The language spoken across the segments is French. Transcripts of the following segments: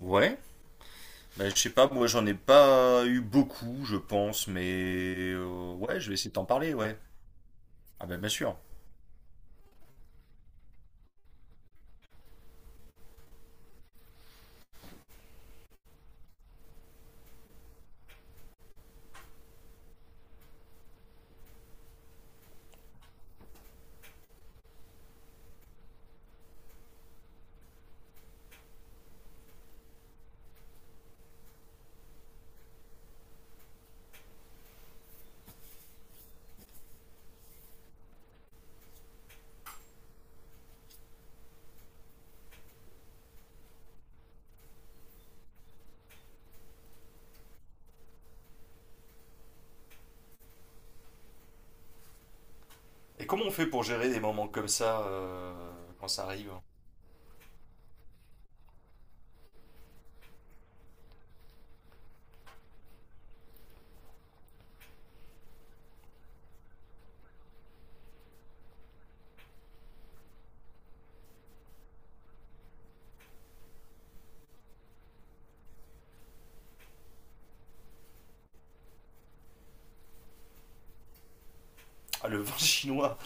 Ouais, bah, je sais pas, moi j'en ai pas eu beaucoup, je pense, mais ouais, je vais essayer de t'en parler, ouais. Ah bah bien sûr. Et comment on fait pour gérer des moments comme ça quand ça arrive, hein? Ah, le vin chinois.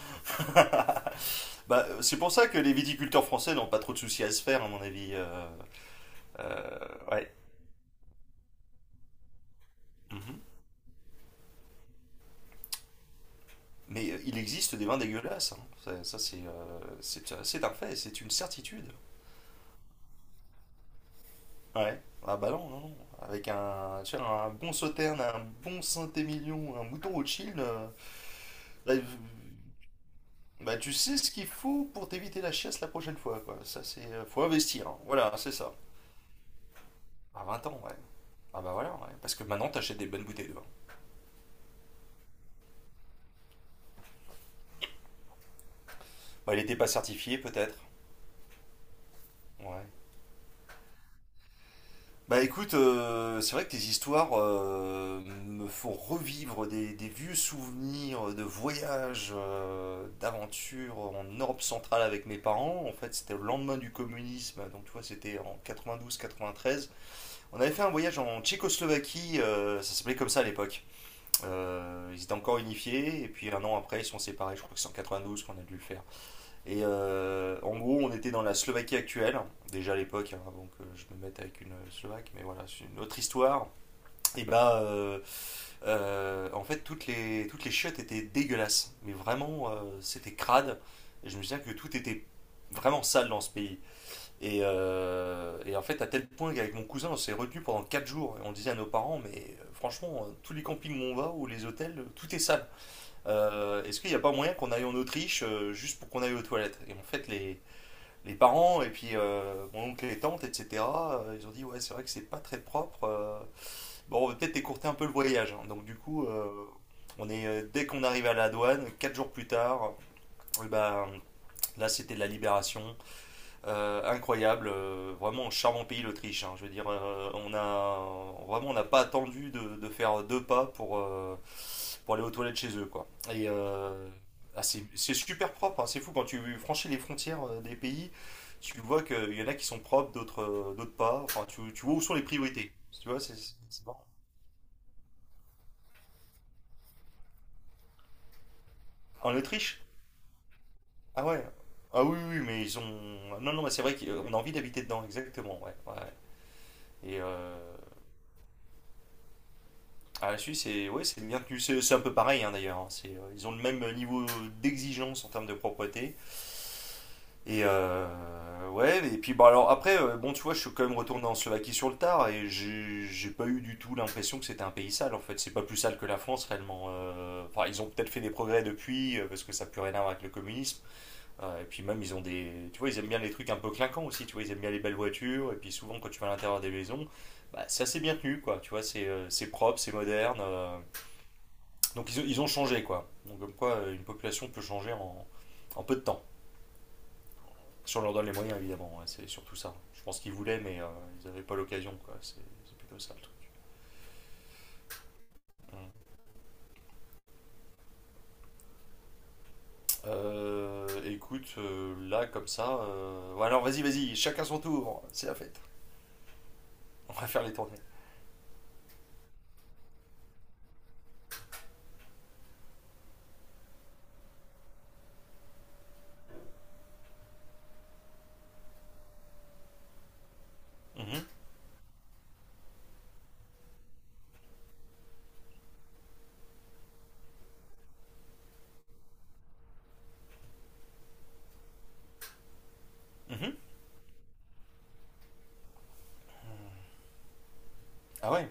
Bah, c'est pour ça que les viticulteurs français n'ont pas trop de soucis à se faire, à mon avis. Ouais. Mhm. Mais il existe des vins dégueulasses, hein. Ça, c'est c'est un fait, c'est une certitude. Ouais. Ah bah non, non, non. Avec un, tu vois, un bon sauterne, un bon Saint-Émilion, un mouton Rothschild, là, euh, bah tu sais ce qu'il faut pour t'éviter la chiasse la prochaine fois, quoi. Ça c'est, faut investir, hein. Voilà, c'est ça. À 20 ans, ouais. Ah bah voilà, ouais. Parce que maintenant t'achètes des bonnes bouteilles de vin. Bah il était pas certifié, peut-être. Ouais. Bah écoute, c'est vrai que tes histoires me font revivre des vieux souvenirs de voyages, d'aventures en Europe centrale avec mes parents. En fait, c'était le lendemain du communisme, donc tu vois, c'était en 92-93. On avait fait un voyage en Tchécoslovaquie, ça s'appelait comme ça à l'époque. Ils étaient encore unifiés, et puis un an après, ils se sont séparés, je crois que c'est en 92 qu'on a dû le faire. Et en gros, on était dans la Slovaquie actuelle, déjà à l'époque, hein, avant que je me mette avec une Slovaque, mais voilà, c'est une autre histoire. Et bah, en fait, toutes les chiottes étaient dégueulasses, mais vraiment, c'était crade. Et je me souviens que tout était vraiment sale dans ce pays. Et en fait, à tel point qu'avec mon cousin, on s'est retenu pendant 4 jours. Et on disait à nos parents, mais franchement, tous les campings où on va, ou les hôtels, tout est sale. Est-ce qu'il n'y a pas moyen qu'on aille en Autriche juste pour qu'on aille aux toilettes? Et en fait, les parents et puis mon oncle et tante, etc. Ils ont dit ouais c'est vrai que c'est pas très propre. Bon on va peut-être écourter un peu le voyage, hein. Donc du coup on est dès qu'on arrive à la douane, 4 jours plus tard, eh ben, là c'était de la libération. Incroyable, vraiment charmant pays l'Autriche, hein. Je veux dire, on a vraiment on n'a pas attendu de faire deux pas pour aller aux toilettes chez eux, quoi. C'est super propre, hein. C'est fou quand tu franchis les frontières des pays, tu vois qu'il y en a qui sont propres, d'autres d'autres pas. Enfin, tu vois où sont les priorités. Tu vois, c'est marrant. En Autriche? Ah ouais. Ah oui, oui, oui, mais ils ont. Non, non, mais c'est vrai qu'on a envie d'habiter dedans, exactement. Ouais, ouais. Et euh, la Suisse, c'est ouais, c'est bien tenu. C'est un peu pareil hein, d'ailleurs, hein. C'est, ils ont le même niveau d'exigence en termes de propreté. Et ouais, et puis bah alors après, bon, tu vois, je suis quand même retourné en Slovaquie sur le tard et j'ai pas eu du tout l'impression que c'était un pays sale en fait. C'est pas plus sale que la France réellement. Enfin, ils ont peut-être fait des progrès depuis parce que ça n'a plus rien à voir avec le communisme. Et puis même, ils ont des. Tu vois, ils aiment bien les trucs un peu clinquants aussi. Tu vois, ils aiment bien les belles voitures. Et puis souvent, quand tu vas à l'intérieur des maisons, bah, c'est assez bien tenu quoi. Tu vois, c'est propre, c'est moderne. Donc ils ont changé quoi. Donc comme quoi une population peut changer en peu de temps. Si on leur donne les moyens évidemment, ouais, c'est surtout ça. Je pense qu'ils voulaient mais ils n'avaient pas l'occasion quoi. C'est plutôt ça le truc. Hum. Écoute, là comme ça, ouais, alors vas-y vas-y, chacun son tour, c'est la fête. On va faire les tournées. Mhm, mhm. Ah ouais,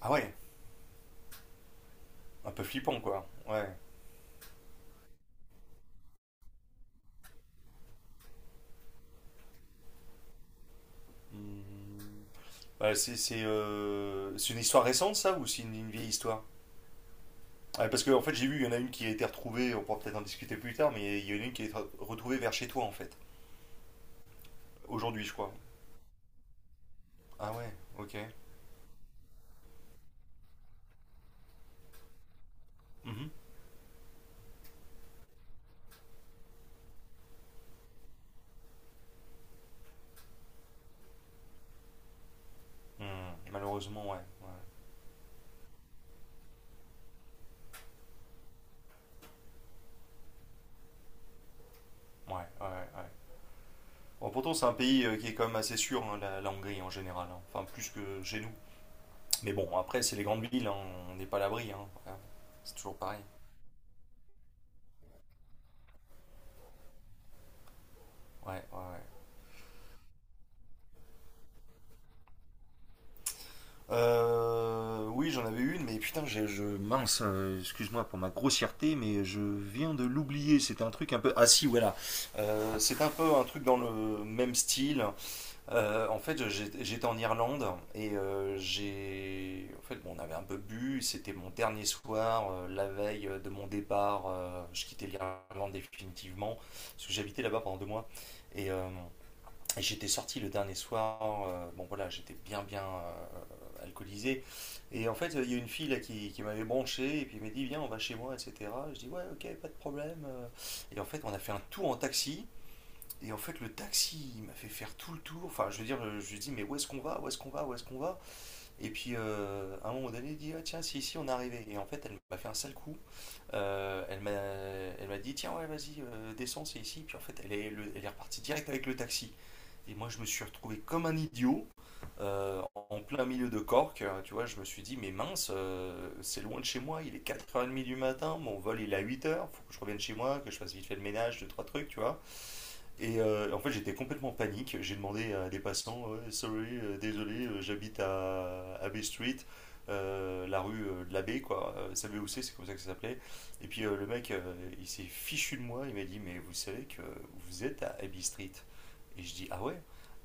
ah ouais, un peu flippant quoi. Ouais. Hmm. Ouais, c'est une histoire récente ça ou c'est une vieille histoire? Ouais, parce que en fait, j'ai vu, il y en a une qui a été retrouvée, on pourra peut-être en discuter plus tard, mais il y en a une qui a été retrouvée vers chez toi en fait. Aujourd'hui, je crois. Ah ouais, ok. Mhm. Hmm, malheureusement, ouais. Ouais, ouais, ouais. Ouais. Bon, pourtant, c'est un pays qui est quand même assez sûr, hein, la Hongrie en général, hein. Enfin, plus que chez nous. Mais bon, après, c'est les grandes villes, hein, on n'est pas à l'abri, hein. Ouais, c'est toujours pareil. Ouais, ouais, ouais. Oui, j'en avais une, mais putain, mince, excuse-moi pour ma grossièreté, mais je viens de l'oublier. C'était un truc un peu. Ah si, voilà. C'est un peu un truc dans le même style. En fait, j'étais en Irlande j'ai. En fait, bon, on avait un peu bu. C'était mon dernier soir, la veille de mon départ. Je quittais l'Irlande définitivement parce que j'habitais là-bas pendant 2 mois. Et euh, et j'étais sorti le dernier soir, bon voilà, j'étais bien bien alcoolisé. Et en fait, il y a une fille là, qui m'avait branché et puis elle m'a dit Viens, on va chez moi, etc. Je dis Ouais, ok, pas de problème. Et en fait, on a fait un tour en taxi. Et en fait, le taxi, il m'a fait faire tout le tour. Enfin, je veux dire, je lui dis Mais où est-ce qu'on va? Où est-ce qu'on va? Où est-ce qu'on va? Et puis, à un moment donné, il dit Ah, Tiens, c'est ici, on est arrivé. Et en fait, elle m'a fait un sale coup. Elle m'a dit Tiens, ouais, vas-y, descends, c'est ici. Puis en fait, elle est repartie direct avec le taxi. Et moi, je me suis retrouvé comme un idiot en plein milieu de Cork. Tu vois, je me suis dit, mais mince, c'est loin de chez moi. Il est 4h30 du matin. Mon vol, il est à 8h. Faut que je revienne chez moi, que je fasse vite fait le ménage, deux, trois trucs, tu vois. Et en fait, j'étais complètement en panique. J'ai demandé à des passants, Ouais, sorry, désolé, j'habite à Abbey Street, la rue de l'abbé, quoi. Savez où c'est comme ça que ça s'appelait. Et puis le mec, il s'est fichu de moi. Il m'a dit, mais vous savez que vous êtes à Abbey Street. Et je dis, ah ouais?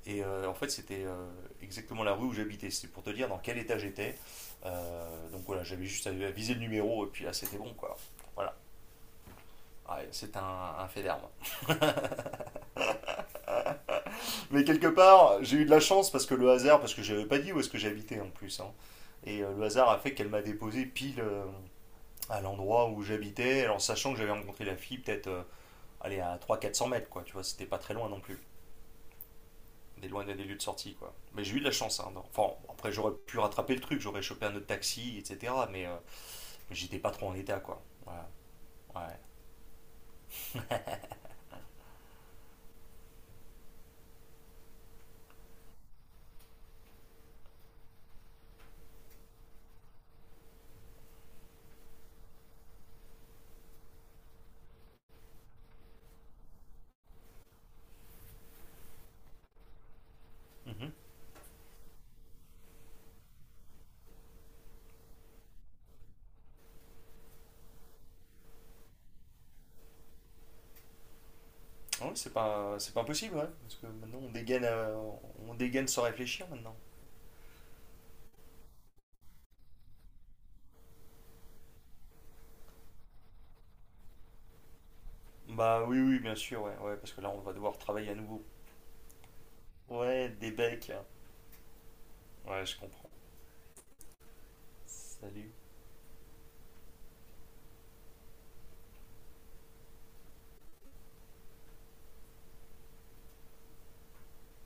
Et en fait, c'était exactement la rue où j'habitais. C'est pour te dire dans quel état j'étais. Donc voilà, j'avais juste à viser le numéro et puis là, c'était bon, quoi. Voilà. Ouais, c'est un fait d'armes. Mais quelque part, j'ai eu de la chance parce que le hasard, parce que je n'avais pas dit où est-ce que j'habitais en plus, hein. Le hasard a fait qu'elle m'a déposé pile à l'endroit où j'habitais, alors sachant que j'avais rencontré la fille peut-être allez, à 300 400 mètres, quoi. Tu vois, c'était pas très loin non plus. Des loin des lieux de sortie, quoi. Mais j'ai eu de la chance, hein, enfin, après, j'aurais pu rattraper le truc, j'aurais chopé un autre taxi, etc. Mais j'étais pas trop en état, quoi. Voilà. Ouais. Mhm. Ah oui, c'est pas impossible, ouais. Parce que maintenant, on dégaine sans réfléchir maintenant. Bah oui, oui, bien sûr, ouais, ouais, parce que là, on va devoir travailler à nouveau. Ouais, des becs. Ouais, je comprends. Salut.